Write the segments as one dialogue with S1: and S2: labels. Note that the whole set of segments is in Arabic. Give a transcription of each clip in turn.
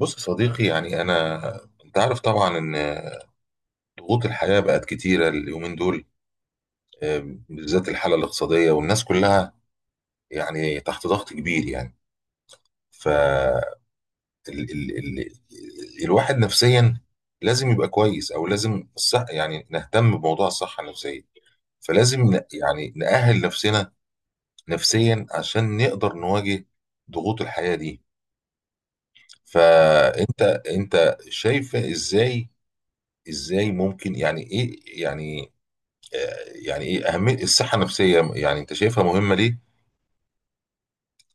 S1: بص يا صديقي، انا انت عارف طبعا ان ضغوط الحياه بقت كتيره اليومين دول. آه، بالذات الحاله الاقتصاديه والناس كلها يعني تحت ضغط كبير يعني ف ال ال ال الواحد نفسيا لازم يبقى كويس، او لازم الصح، يعني نهتم بموضوع الصحه النفسيه. فلازم يعني نأهل نفسنا نفسيا عشان نقدر نواجه ضغوط الحياه دي. فانت انت شايفه ازاي؟ ازاي ممكن يعني ايه يعني يعني ايه اهميه الصحه النفسيه؟ يعني انت شايفها مهمه ليه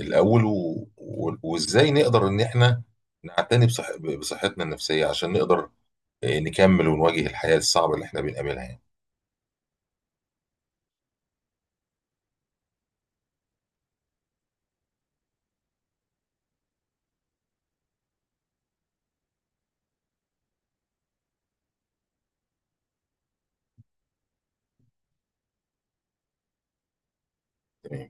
S1: الاول؟ وازاي نقدر ان احنا نعتني بصحتنا النفسيه عشان نقدر، نكمل ونواجه الحياه الصعبه اللي احنا بنقابلها يعني. تمام.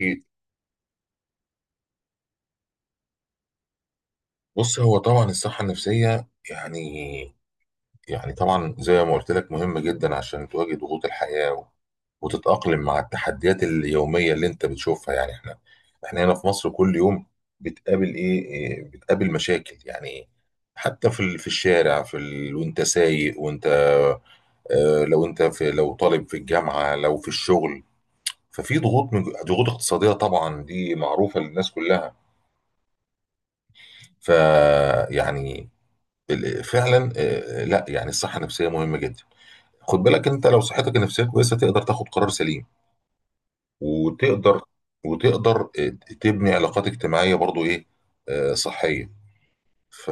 S1: أكيد. بص، هو طبعا الصحه النفسيه يعني، يعني طبعا زي ما قلت لك مهم جدا عشان تواجه ضغوط الحياة وتتأقلم مع التحديات اليومية اللي انت بتشوفها. يعني احنا هنا في مصر كل يوم بتقابل ايه إيه، بتقابل مشاكل يعني، حتى في الشارع، وانت سايق، وانت، لو انت في لو طالب في الجامعة، لو في الشغل. ففي ضغوط، من ضغوط اقتصادية طبعا دي معروفة للناس كلها. فيعني فعلا آه، لا يعني الصحة النفسية مهمة جدا. خد بالك، انت لو صحتك النفسيه كويسه تقدر تاخد قرار سليم، وتقدر وتقدر تبني علاقات اجتماعيه برضو، ايه، اه، صحيه. ف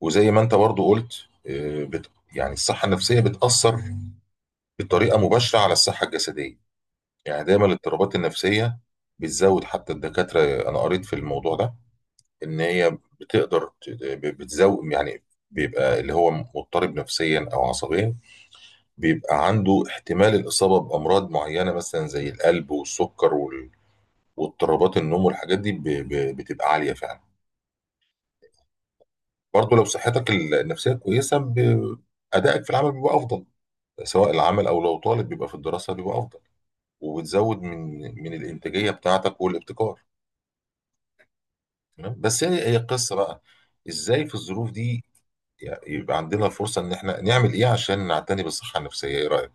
S1: وزي ما انت برضو قلت، اه، يعني الصحه النفسيه بتاثر بطريقه مباشره على الصحه الجسديه. يعني دايما الاضطرابات النفسيه بتزود، حتى الدكاتره انا قريت في الموضوع ده ان هي بتقدر بتزود يعني. بيبقى اللي هو مضطرب نفسيا او عصبيا، بيبقى عنده احتمال الإصابة بأمراض معينة، مثلا زي القلب والسكر واضطرابات النوم، والحاجات دي بتبقى عالية فعلا. برضه لو صحتك النفسية كويسة أدائك في العمل بيبقى أفضل، سواء العمل أو لو طالب بيبقى في الدراسة بيبقى أفضل، وبتزود من الإنتاجية بتاعتك والابتكار. تمام؟ بس هي قصة بقى إزاي في الظروف دي يعني يبقى عندنا الفرصة إن إحنا نعمل إيه عشان نعتني بالصحة النفسية؟ إيه رأيك؟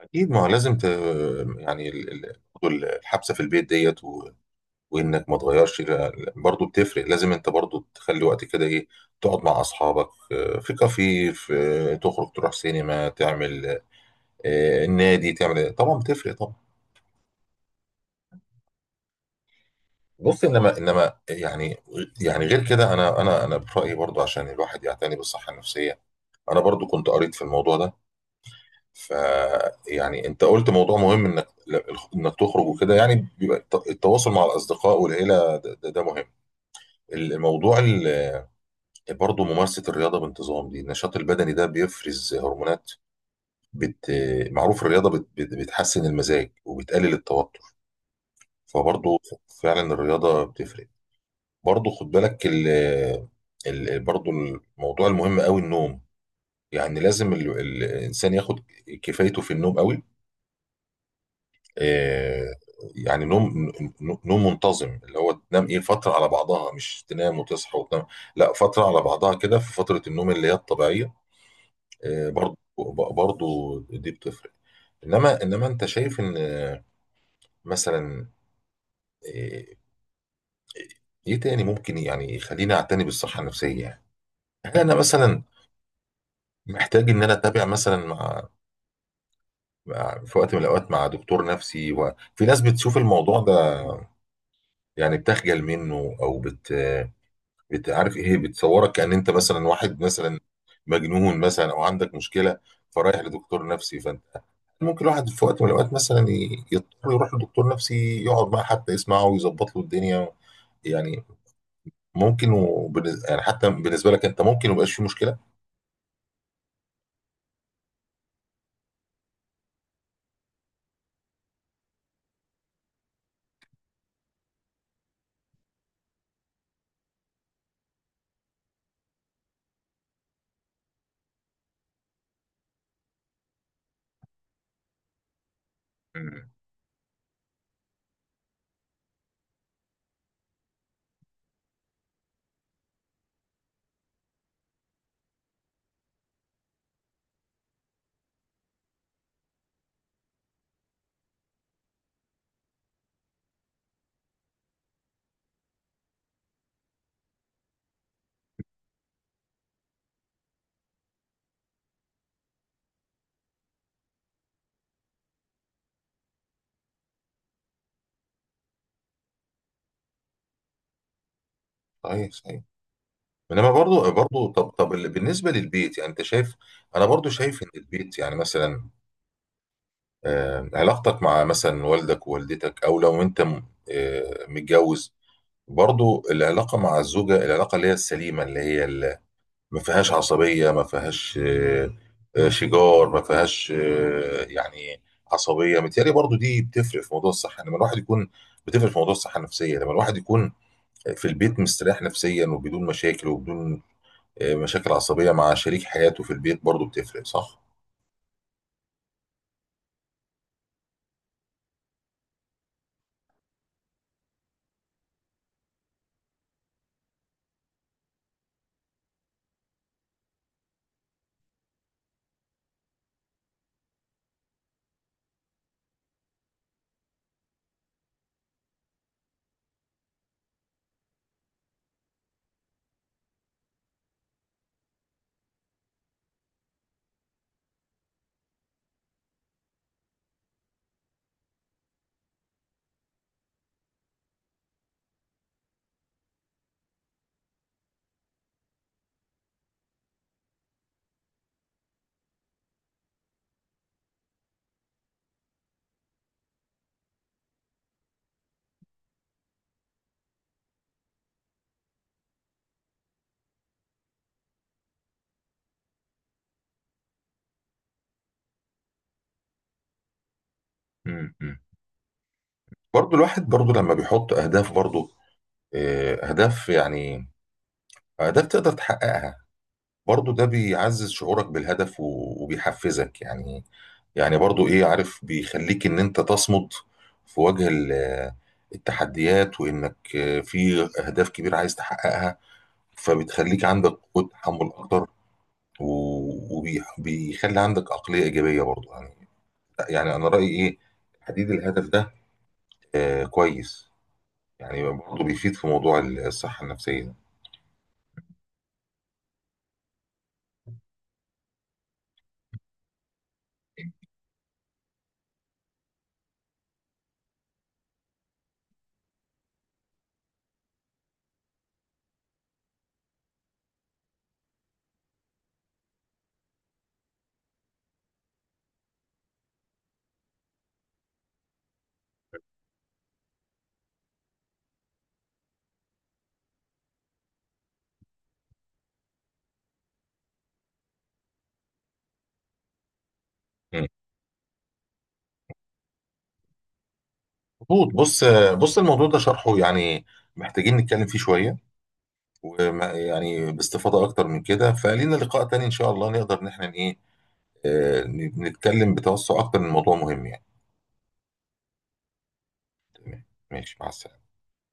S1: أكيد، ما هو لازم يعني برضو الحبسة في البيت ديت وانك ما تغيرش برضه بتفرق. لازم انت برضه تخلي وقت كده، ايه، تقعد مع اصحابك، في كافيه، في آه، تخرج تروح سينما، تعمل، النادي، تعمل إيه. طبعا بتفرق طبعا. بص، انما يعني، يعني غير كده، انا انا برايي برضه عشان الواحد يعتني بالصحه النفسيه، انا برضه كنت قريت في الموضوع ده. ف يعني انت قلت موضوع مهم، انك تخرج وكده. يعني بيبقى التواصل مع الاصدقاء والعيله ده، ده مهم الموضوع. برضه ممارسة الرياضة بانتظام، دي النشاط البدني ده بيفرز هرمونات بت... معروف الرياضة بتحسن المزاج وبتقلل التوتر. فبرضه فعلا الرياضة بتفرق. برضه خد بالك برضه الموضوع المهم قوي النوم. يعني لازم الإنسان ياخد كفايته في النوم قوي، آه، يعني نوم، نوم منتظم، اللي هو تنام ايه فترة على بعضها، مش تنام وتصحى وتنام، لا، فترة على بعضها كده، في فترة النوم اللي هي الطبيعية. برضو، برضو دي بتفرق. انما انت شايف ان مثلا، آه، ايه تاني ممكن يعني يخليني اعتني بالصحه النفسيه يعني؟ هل انا مثلا محتاج ان انا اتابع مثلا مع، في وقت من الاوقات، مع دكتور نفسي؟ وفي ناس بتشوف الموضوع ده يعني بتخجل منه، او عارف ايه، بتصورك كأن انت مثلا واحد مثلا مجنون مثلا، او عندك مشكله فرايح لدكتور نفسي. فانت ممكن الواحد في وقت من الاوقات مثلا يضطر يروح لدكتور نفسي يقعد معاه حتى يسمعه ويظبط له الدنيا يعني. ممكن يعني حتى بالنسبه لك انت ممكن ميبقاش فيه مشكله. مم. صحيح صحيح. انما برضو، برضو بالنسبه للبيت، يعني انت شايف، انا برضو شايف ان البيت يعني مثلا، علاقتك مع مثلا والدك ووالدتك، او لو انت متجوز، برضو العلاقة مع الزوجة، العلاقة اللي هي السليمة، اللي هي اللي ما فيهاش عصبية، ما فيهاش شجار، ما فيهاش يعني عصبية، متهيألي برضو دي بتفرق في موضوع الصحة لما الواحد يكون، بتفرق في موضوع الصحة النفسية لما الواحد يكون في البيت مستريح نفسيا، وبدون مشاكل، وبدون مشاكل عصبية مع شريك حياته في البيت، برضو بتفرق، صح؟ م- م. برضو الواحد برضو لما بيحط أهداف، برضو أهداف يعني أهداف تقدر تحققها، برضو ده بيعزز شعورك بالهدف وبيحفزك يعني. يعني برضو ايه، عارف، بيخليك ان انت تصمد في وجه التحديات، وانك في اهداف كبيرة عايز تحققها، فبتخليك عندك قوة تحمل اكتر، وبيخلي عندك عقلية ايجابية برضو يعني. يعني انا رأيي ايه تحديد الهدف ده، آه، كويس. يعني برضو بيفيد في موضوع الصحة النفسية. مم. مظبوط. بص، بص الموضوع ده شرحه يعني محتاجين نتكلم فيه شوية، وما يعني باستفاضة أكتر من كده. فلينا لقاء تاني إن شاء الله نقدر إن إحنا إيه، آه، نتكلم بتوسع أكتر من موضوع مهم يعني. تمام، ماشي، مع السلامة.